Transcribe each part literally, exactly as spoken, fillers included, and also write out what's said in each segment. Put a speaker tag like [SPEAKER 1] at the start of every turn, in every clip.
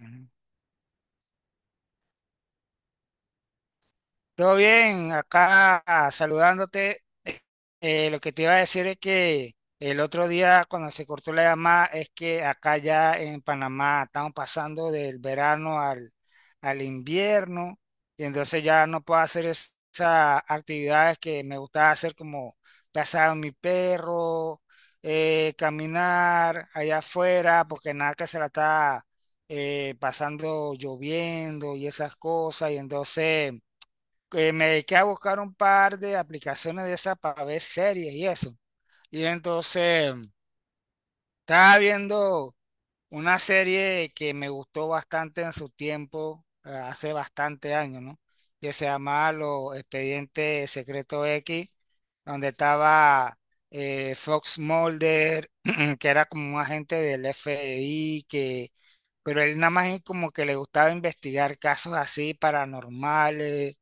[SPEAKER 1] Ujú. Todo bien, acá saludándote. Eh, lo que te iba a decir es que el otro día cuando se cortó la llamada es que acá ya en Panamá estamos pasando del verano al, al invierno y entonces ya no puedo hacer es- esas actividades que me gustaba hacer como pasar a mi perro, eh, caminar allá afuera porque nada que se la está eh, pasando lloviendo y esas cosas y entonces, que me dediqué a buscar un par de aplicaciones de esas para ver series y eso. Y entonces mm, estaba viendo una serie que me gustó bastante en su tiempo, eh, hace bastante años, ¿no? Que se llamaba Los Expedientes Secreto X, donde estaba eh, Fox Mulder, que era como un agente del F B I, que, pero él nada más como que le gustaba investigar casos así paranormales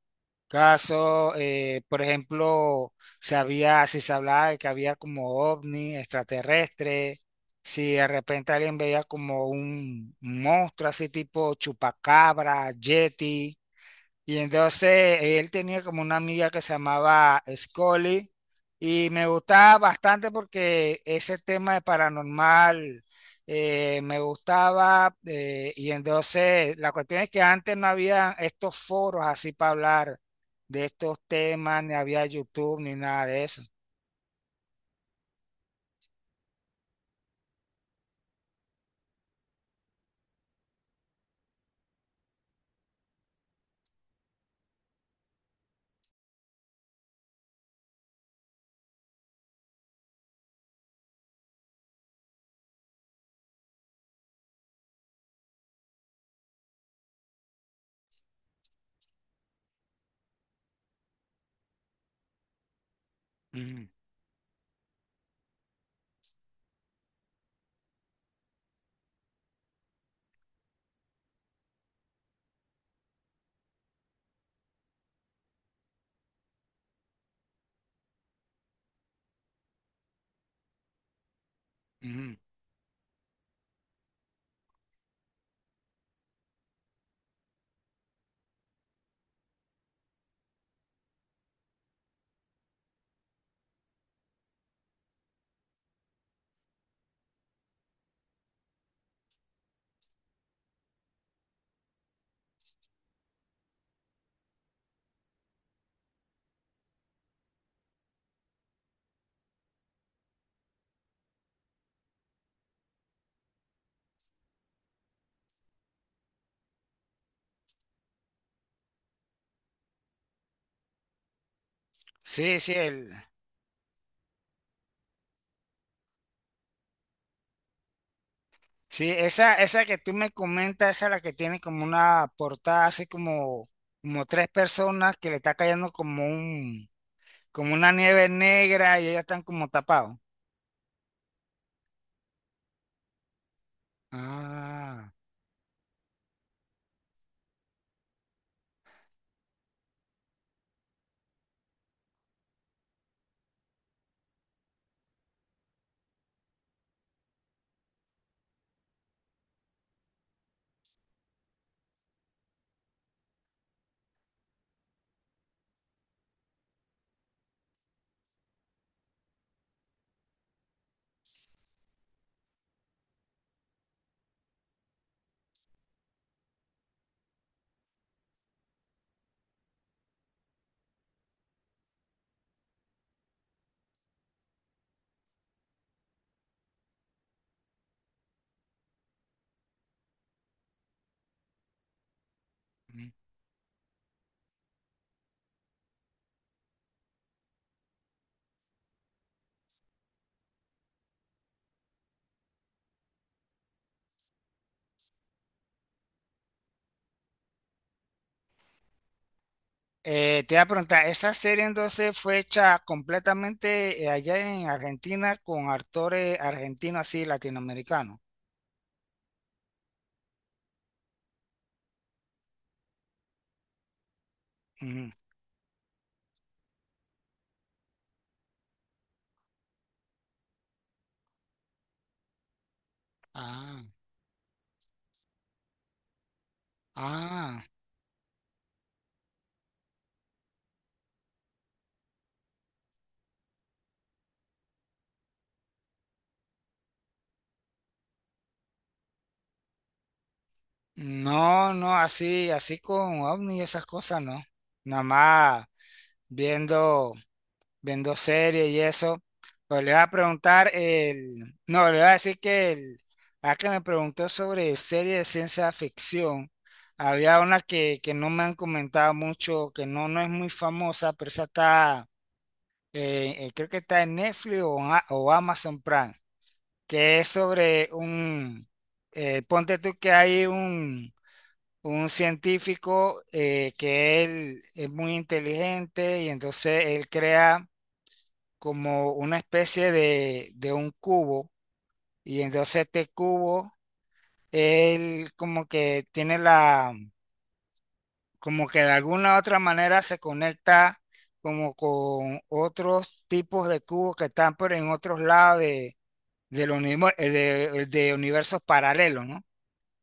[SPEAKER 1] caso, eh, por ejemplo, se había, si se hablaba de que había como ovni extraterrestre, si de repente alguien veía como un monstruo así tipo chupacabra, yeti, y entonces él tenía como una amiga que se llamaba Scully y me gustaba bastante porque ese tema de paranormal eh, me gustaba eh, y entonces la cuestión es que antes no había estos foros así para hablar de estos temas, ni había YouTube ni nada de eso. Ujú, ujú. Sí, sí, el. Sí, esa, esa que tú me comentas, esa es la que tiene como una portada así como, como tres personas que le está cayendo como un, como una nieve negra y ellos están como tapados. Ah. Mm. Eh, te iba a preguntar, ¿esa serie entonces fue hecha completamente eh, allá en Argentina con actores argentinos así latinoamericanos? Ujú. Ah, ah. No, no, así, así con ovni y esas cosas, no. Nada más viendo, viendo series y eso. Pues le voy a preguntar el, no, le voy a decir que el, a que me preguntó sobre series de ciencia ficción. Había una que, que no me han comentado mucho, que no, no es muy famosa, pero esa está, eh, eh, creo que está en Netflix o, en a- o Amazon Prime, que es sobre un, eh, ponte tú que hay un, un científico eh, que él es muy inteligente y entonces él crea como una especie de, de un cubo y entonces este cubo, él como que tiene la, como que de alguna u otra manera se conecta como con otros tipos de cubos que están por en otros lados de, del univer- eh, de, de universos paralelos, ¿no?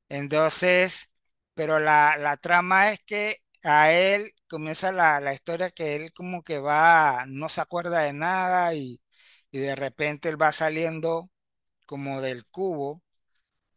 [SPEAKER 1] Entonces, pero la, la trama es que a él comienza la, la historia que él como que va, no se acuerda de nada y, y de repente él va saliendo como del cubo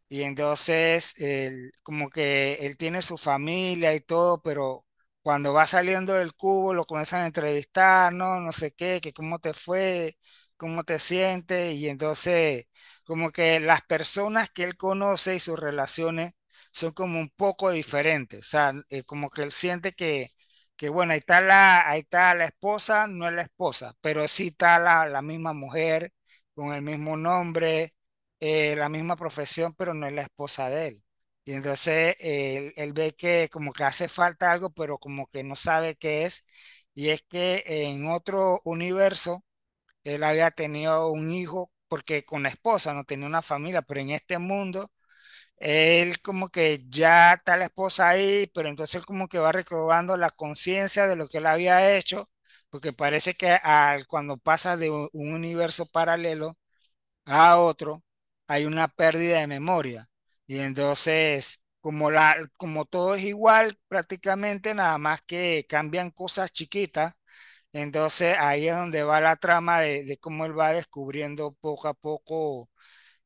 [SPEAKER 1] y entonces, él, como que él tiene su familia y todo, pero cuando va saliendo del cubo lo comienzan a entrevistar, no, no sé qué, que cómo te fue, cómo te sientes. Y entonces, como que las personas que él conoce y sus relaciones son como un poco diferentes. O sea, eh, como que él siente que, que bueno, ahí está la, ahí está la esposa, no es la esposa, pero sí está la, la misma mujer con el mismo nombre, eh, la misma profesión, pero no es la esposa de él. Y entonces eh, él, él ve que como que hace falta algo, pero como que no sabe qué es. Y es que en otro universo él había tenido un hijo, porque con la esposa no tenía una familia, pero en este mundo él como que ya está la esposa ahí, pero entonces él como que va recobrando la conciencia de lo que él había hecho, porque parece que al, cuando pasa de un un universo paralelo, a otro, hay una pérdida de memoria. Y entonces, como, la, como todo es igual, prácticamente nada más que cambian cosas chiquitas, entonces ahí es donde va la trama de, de cómo él va descubriendo poco a poco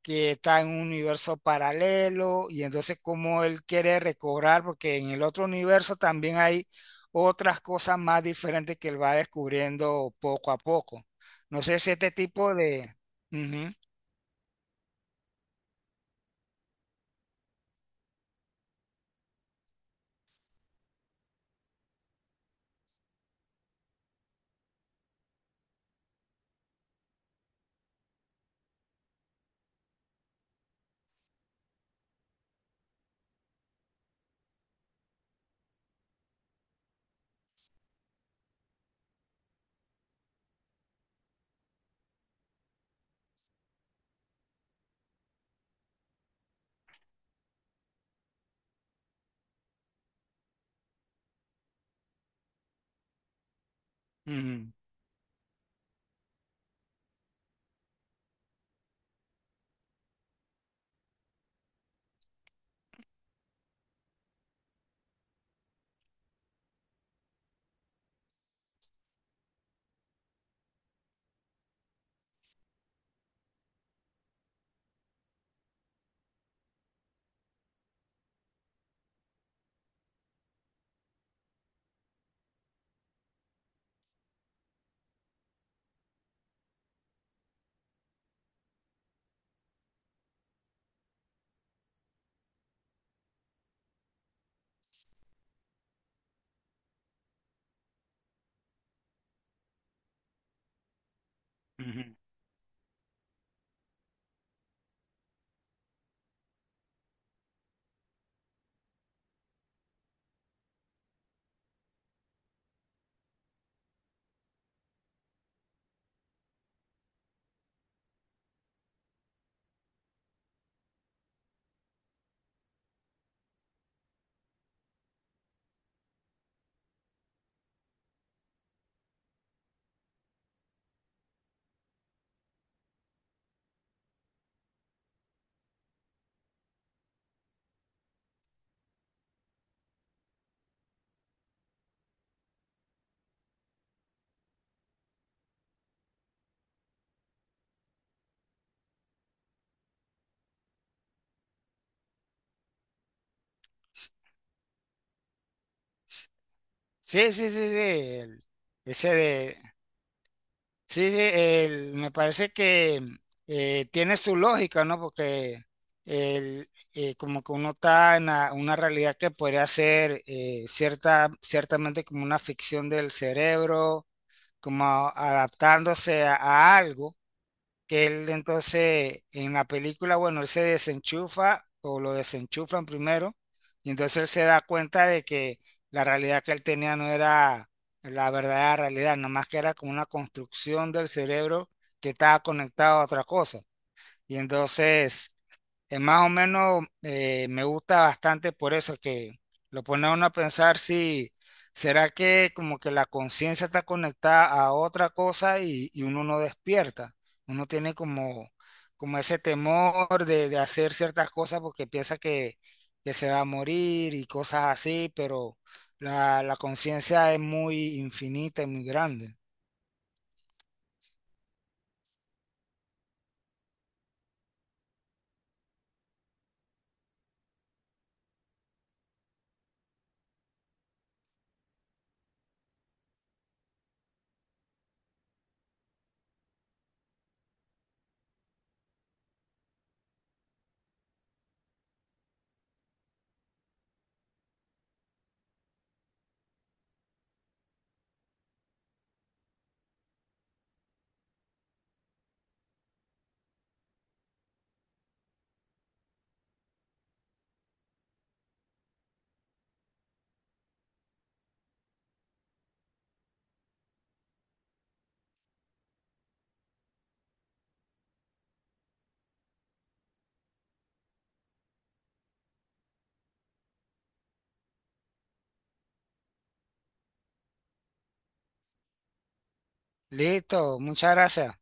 [SPEAKER 1] que está en un universo paralelo y entonces cómo él quiere recobrar, porque en el otro universo también hay otras cosas más diferentes que él va descubriendo poco a poco. No sé si este tipo de. Ujú, ujú. Ujú. Sí, sí, sí, sí, el, ese de. Sí, sí, el, me parece que eh, tiene su lógica, ¿no? Porque el, eh, como que uno está en la, una realidad que podría ser eh, cierta, ciertamente como una ficción del cerebro, como adaptándose a a algo, que él entonces en la película, bueno, él se desenchufa o lo desenchufan primero y entonces él se da cuenta de que la realidad que él tenía no era la verdadera realidad, nada más que era como una construcción del cerebro que estaba conectado a otra cosa. Y entonces es más o menos, eh, me gusta bastante por eso que lo pone a uno a pensar si será que como que la conciencia está conectada a otra cosa y, y uno no despierta. Uno tiene como, como ese temor de, de hacer ciertas cosas porque piensa que, que se va a morir y cosas así, pero la, la conciencia es muy infinita y muy grande. Listo, muchas gracias.